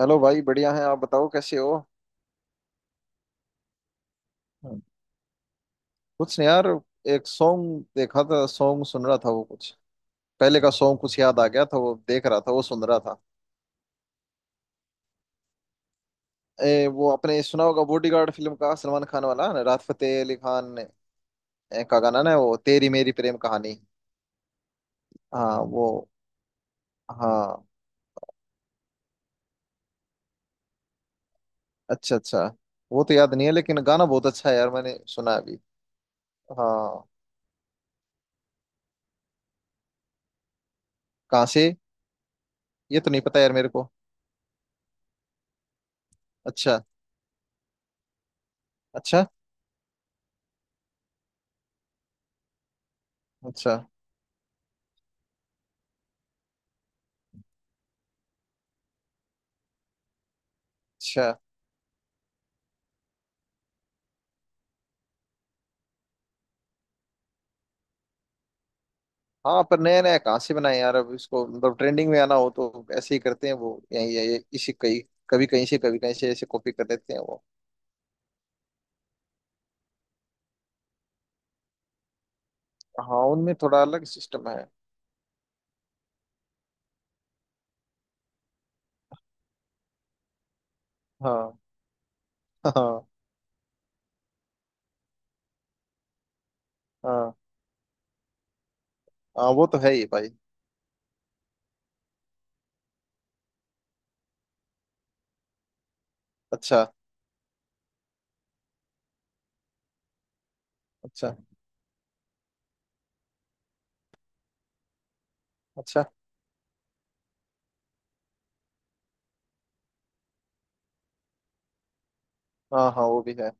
Hello भाई बढ़िया है। आप बताओ कैसे हो। कुछ नहीं यार। एक सॉन्ग देखा था सॉन्ग सुन रहा था वो कुछ पहले का सॉन्ग कुछ याद आ गया था वो देख रहा था वो सुन रहा था। वो अपने सुना होगा बॉडीगार्ड फिल्म का सलमान खान वाला ना, राहत फतेह अली खान का गाना ना वो तेरी मेरी प्रेम कहानी। हाँ वो। हाँ। अच्छा अच्छा। वो तो याद नहीं है लेकिन गाना बहुत अच्छा है यार मैंने सुना अभी। हाँ। कहाँ से। ये तो नहीं पता यार मेरे को। अच्छा अच्छा। अच्छा अच्छा। हाँ पर नया नया कहाँ से बनाए यार, अब इसको मतलब ट्रेंडिंग में आना हो तो ऐसे ही करते हैं वो, यही यही इसी कहीं, कभी कहीं से कभी कहीं से ऐसे कॉपी कर लेते हैं वो। हाँ उनमें थोड़ा अलग सिस्टम है। हाँ हाँ। हाँ हाँ वो तो है ही भाई। अच्छा अच्छा अच्छा। हाँ हाँ वो भी है।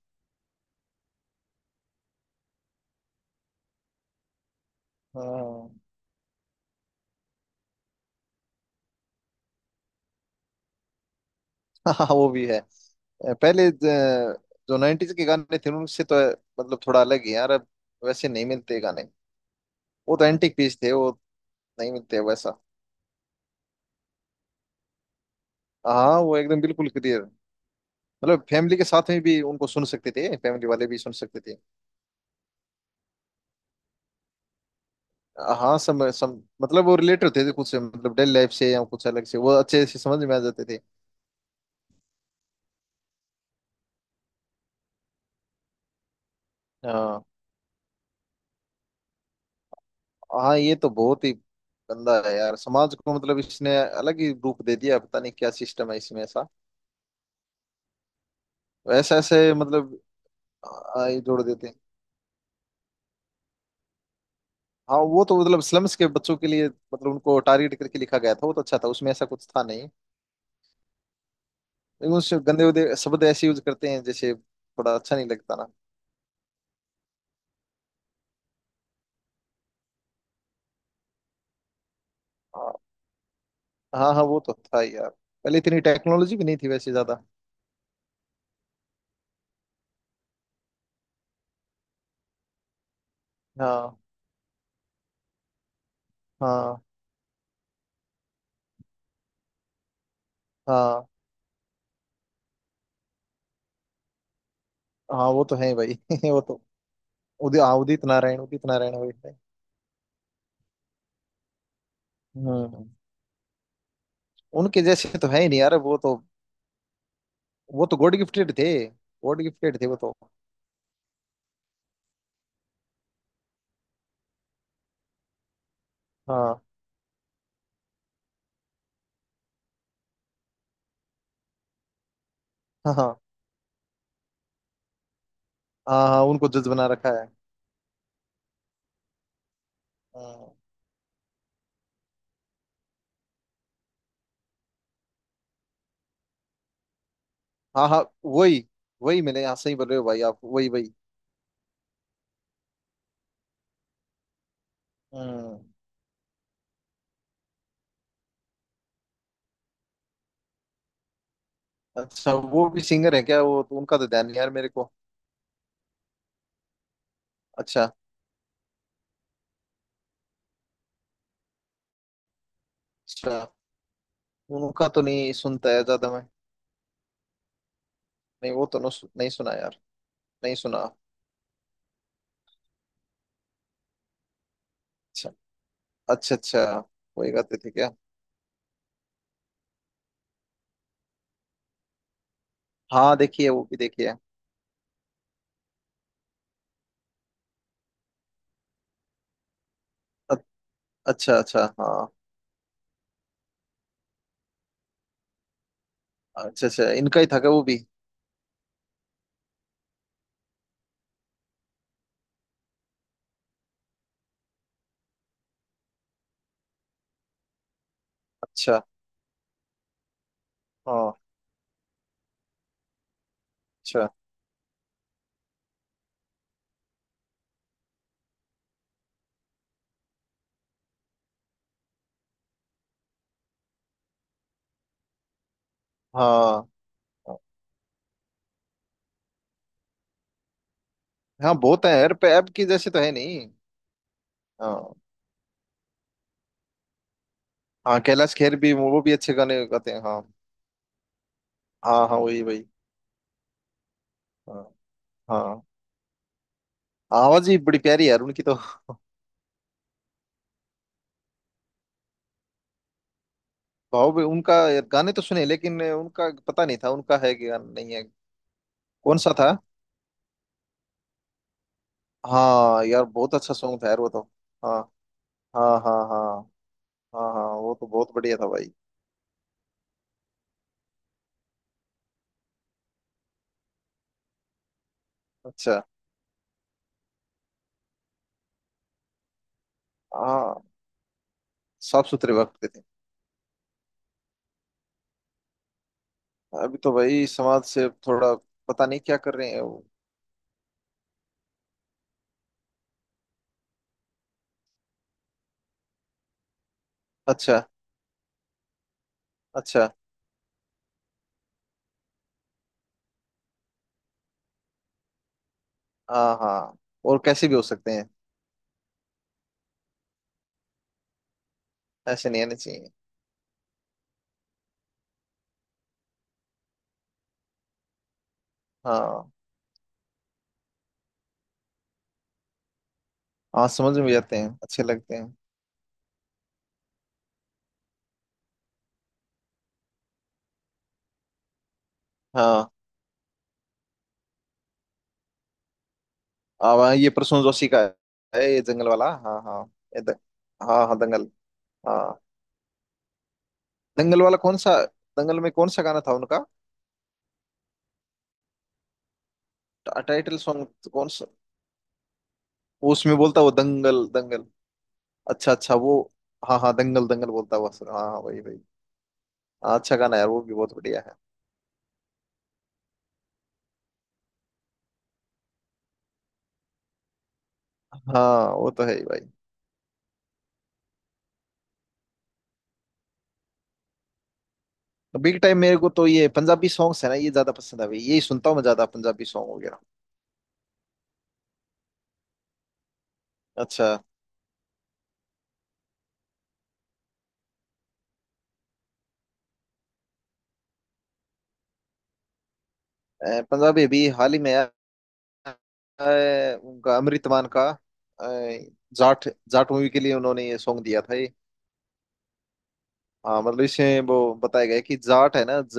हाँ हाँ वो भी है। पहले जो नाइन्टीज के गाने थे उनसे तो मतलब थोड़ा अलग ही यार अब। वैसे नहीं मिलते गाने। वो तो एंटीक पीस थे वो। नहीं मिलते वैसा। हाँ वो एकदम बिल्कुल क्लियर। मतलब फैमिली के साथ में भी उनको सुन सकते थे, फैमिली वाले भी सुन सकते थे। हाँ सम, सम, मतलब वो रिलेट होते थे कुछ से, मतलब डेली लाइफ से या कुछ अलग से, वो अच्छे से समझ में आ जाते थे। हाँ हाँ ये तो बहुत ही गंदा है यार, समाज को मतलब इसने अलग ही रूप दे दिया, पता नहीं क्या सिस्टम है इसमें ऐसा। ऐसे ऐसे मतलब। ये जोड़ देते हैं। हाँ वो तो मतलब स्लम्स के बच्चों के लिए, मतलब उनको टारगेट करके लिखा गया था, वो तो अच्छा था, उसमें ऐसा कुछ था नहीं। लेकिन उस गंदे उदे शब्द ऐसे यूज करते हैं जैसे, थोड़ा अच्छा नहीं लगता। ना। हाँ हाँ वो तो था ही यार। पहले इतनी टेक्नोलॉजी भी नहीं थी वैसे ज्यादा। हाँ हाँ हाँ। हाँ वो तो है ही भाई वो तो। उदित हाँ, उदित नारायण, उदित नारायण वही थे। हम्म। उनके जैसे तो है ही नहीं यार वो तो। वो तो गॉड गिफ्टेड थे। गॉड गिफ्टेड थे वो तो। हाँ हाँ हाँ। हाँ हाँ, उनको जज बना रखा है। हम्म, हाँ हाँ वही वही मैंने, हाँ सही बोल रहे हो भाई आप, वही वही। हम्म, अच्छा वो भी सिंगर है क्या, वो तो उनका तो ध्यान नहीं यार मेरे को। अच्छा। अच्छा उनका तो नहीं सुनता है ज्यादा मैं। नहीं वो तो, नो, नहीं सुना यार। नहीं सुना। अच्छा अच्छा। अच्छा वही गाते थे क्या। हाँ देखिए वो भी देखिए। अ- अच्छा अच्छा हाँ। अच्छा अच्छा इनका ही था क्या वो भी। अच्छा। हाँ। अच्छा। हाँ हाँ हाँ, बहुत है यार, पे ऐप की जैसे तो है नहीं। हाँ हाँ कैलाश खेर भी, वो भी अच्छे गाने गाते हैं हाँ। हाँ हाँ वही वही। हाँ। हाँ। आवाज ही बड़ी प्यारी है यार उनकी तो। भाव भी उनका। गाने तो सुने लेकिन उनका पता नहीं था, उनका है कि गाना नहीं है। कौन सा था। हाँ यार बहुत अच्छा सॉन्ग था यार वो तो। हाँ हाँ हाँ हाँ। हाँ हाँ वो तो बहुत बढ़िया था भाई। अच्छा। हाँ साफ सुथरे वक्त के थे। अभी तो भाई समाज से थोड़ा, पता नहीं क्या कर रहे हैं वो। अच्छा। अच्छा। हाँ हाँ। और कैसे भी हो सकते हैं। ऐसे नहीं आने चाहिए। हाँ। हाँ समझ में भी आते हैं अच्छे लगते हैं। हाँ। अब हाँ, ये प्रसून जोशी का है, ये जंगल वाला हाँ हाँ। ये हाँ हाँ दंगल। हाँ दंगल वाला कौन सा। दंगल में कौन सा गाना था उनका। Title song. कौन। उसमें बोलता वो दंगल दंगल। अच्छा अच्छा वो। हाँ हाँ दंगल दंगल बोलता हुआ सुना हाँ हाँ, वही वही। हाँ, अच्छा गाना है यार, वो भी बहुत बढ़िया है। हाँ वो तो है ही भाई। बिग टाइम मेरे को तो ये पंजाबी सॉन्ग्स है ना, ये ज्यादा पसंद है भाई, यही सुनता हूँ मैं ज्यादा, पंजाबी सॉन्ग वगैरह। अच्छा। पंजाबी भी हाल ही में यार। उनका अमृत मान का। अ, जाट। जाट मूवी के लिए उन्होंने ये सॉन्ग दिया था ये। हाँ मतलब इसमें वो बताया गया है कि जाट है ना,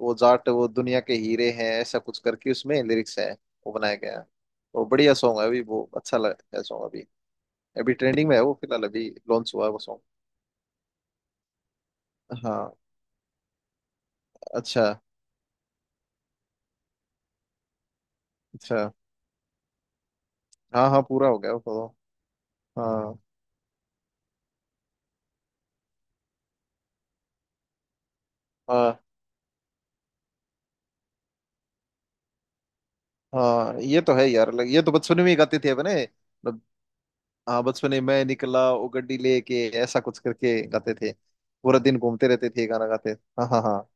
वो जाट वो दुनिया के हीरे हैं, ऐसा कुछ करके उसमें लिरिक्स है। वो बनाया गया है। वो बढ़िया सॉन्ग है अभी, वो अच्छा लग है सॉन्ग अभी। अभी ट्रेंडिंग में है वो, फिलहाल अभी लॉन्च हुआ है वो सॉन्ग। हाँ। अच्छा। अच्छा हाँ हाँ पूरा हो गया वो तो। हाँ हाँ हाँ ये तो है यार, ये तो बचपन में ही गाते थे अपने मतलब। हाँ बचपन में मैं निकला वो गड्डी लेके ऐसा कुछ करके गाते थे। पूरा दिन घूमते रहते थे गाना गाते। हाँ हाँ हाँ।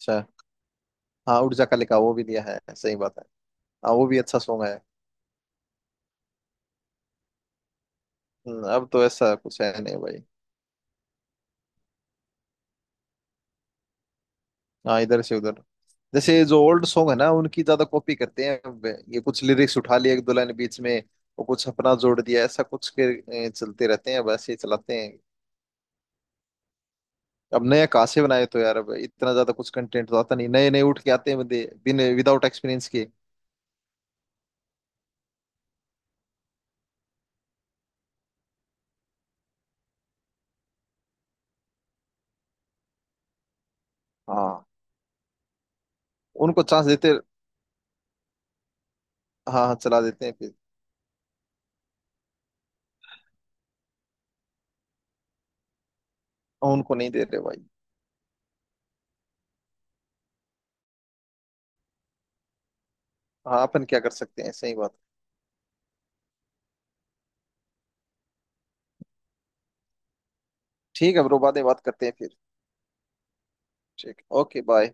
अच्छा। हाँ उड़जा का लिखा वो भी दिया है, सही बात है। हाँ वो भी अच्छा सॉन्ग है। अब तो ऐसा कुछ है नहीं भाई। हाँ इधर से उधर। जैसे जो ओल्ड सॉन्ग है ना उनकी ज्यादा कॉपी करते हैं अब। ये कुछ लिरिक्स उठा लिए, एक दो लाइन बीच में। और कुछ अपना जोड़ दिया, ऐसा कुछ के। चलते रहते हैं बस, ये चलाते हैं। अब नया कहाँ से बनाए तो यार, अब इतना ज्यादा कुछ कंटेंट तो आता नहीं, नए नए उठ के आते हैं बंदे, बिन विदाउट एक्सपीरियंस के। हाँ उनको चांस देते। हाँ हाँ चला देते हैं फिर। और उनको नहीं दे रहे भाई। हाँ अपन क्या कर सकते हैं, सही बात। ठीक है ब्रो, बातें बात करते हैं फिर। ठीक ओके बाय।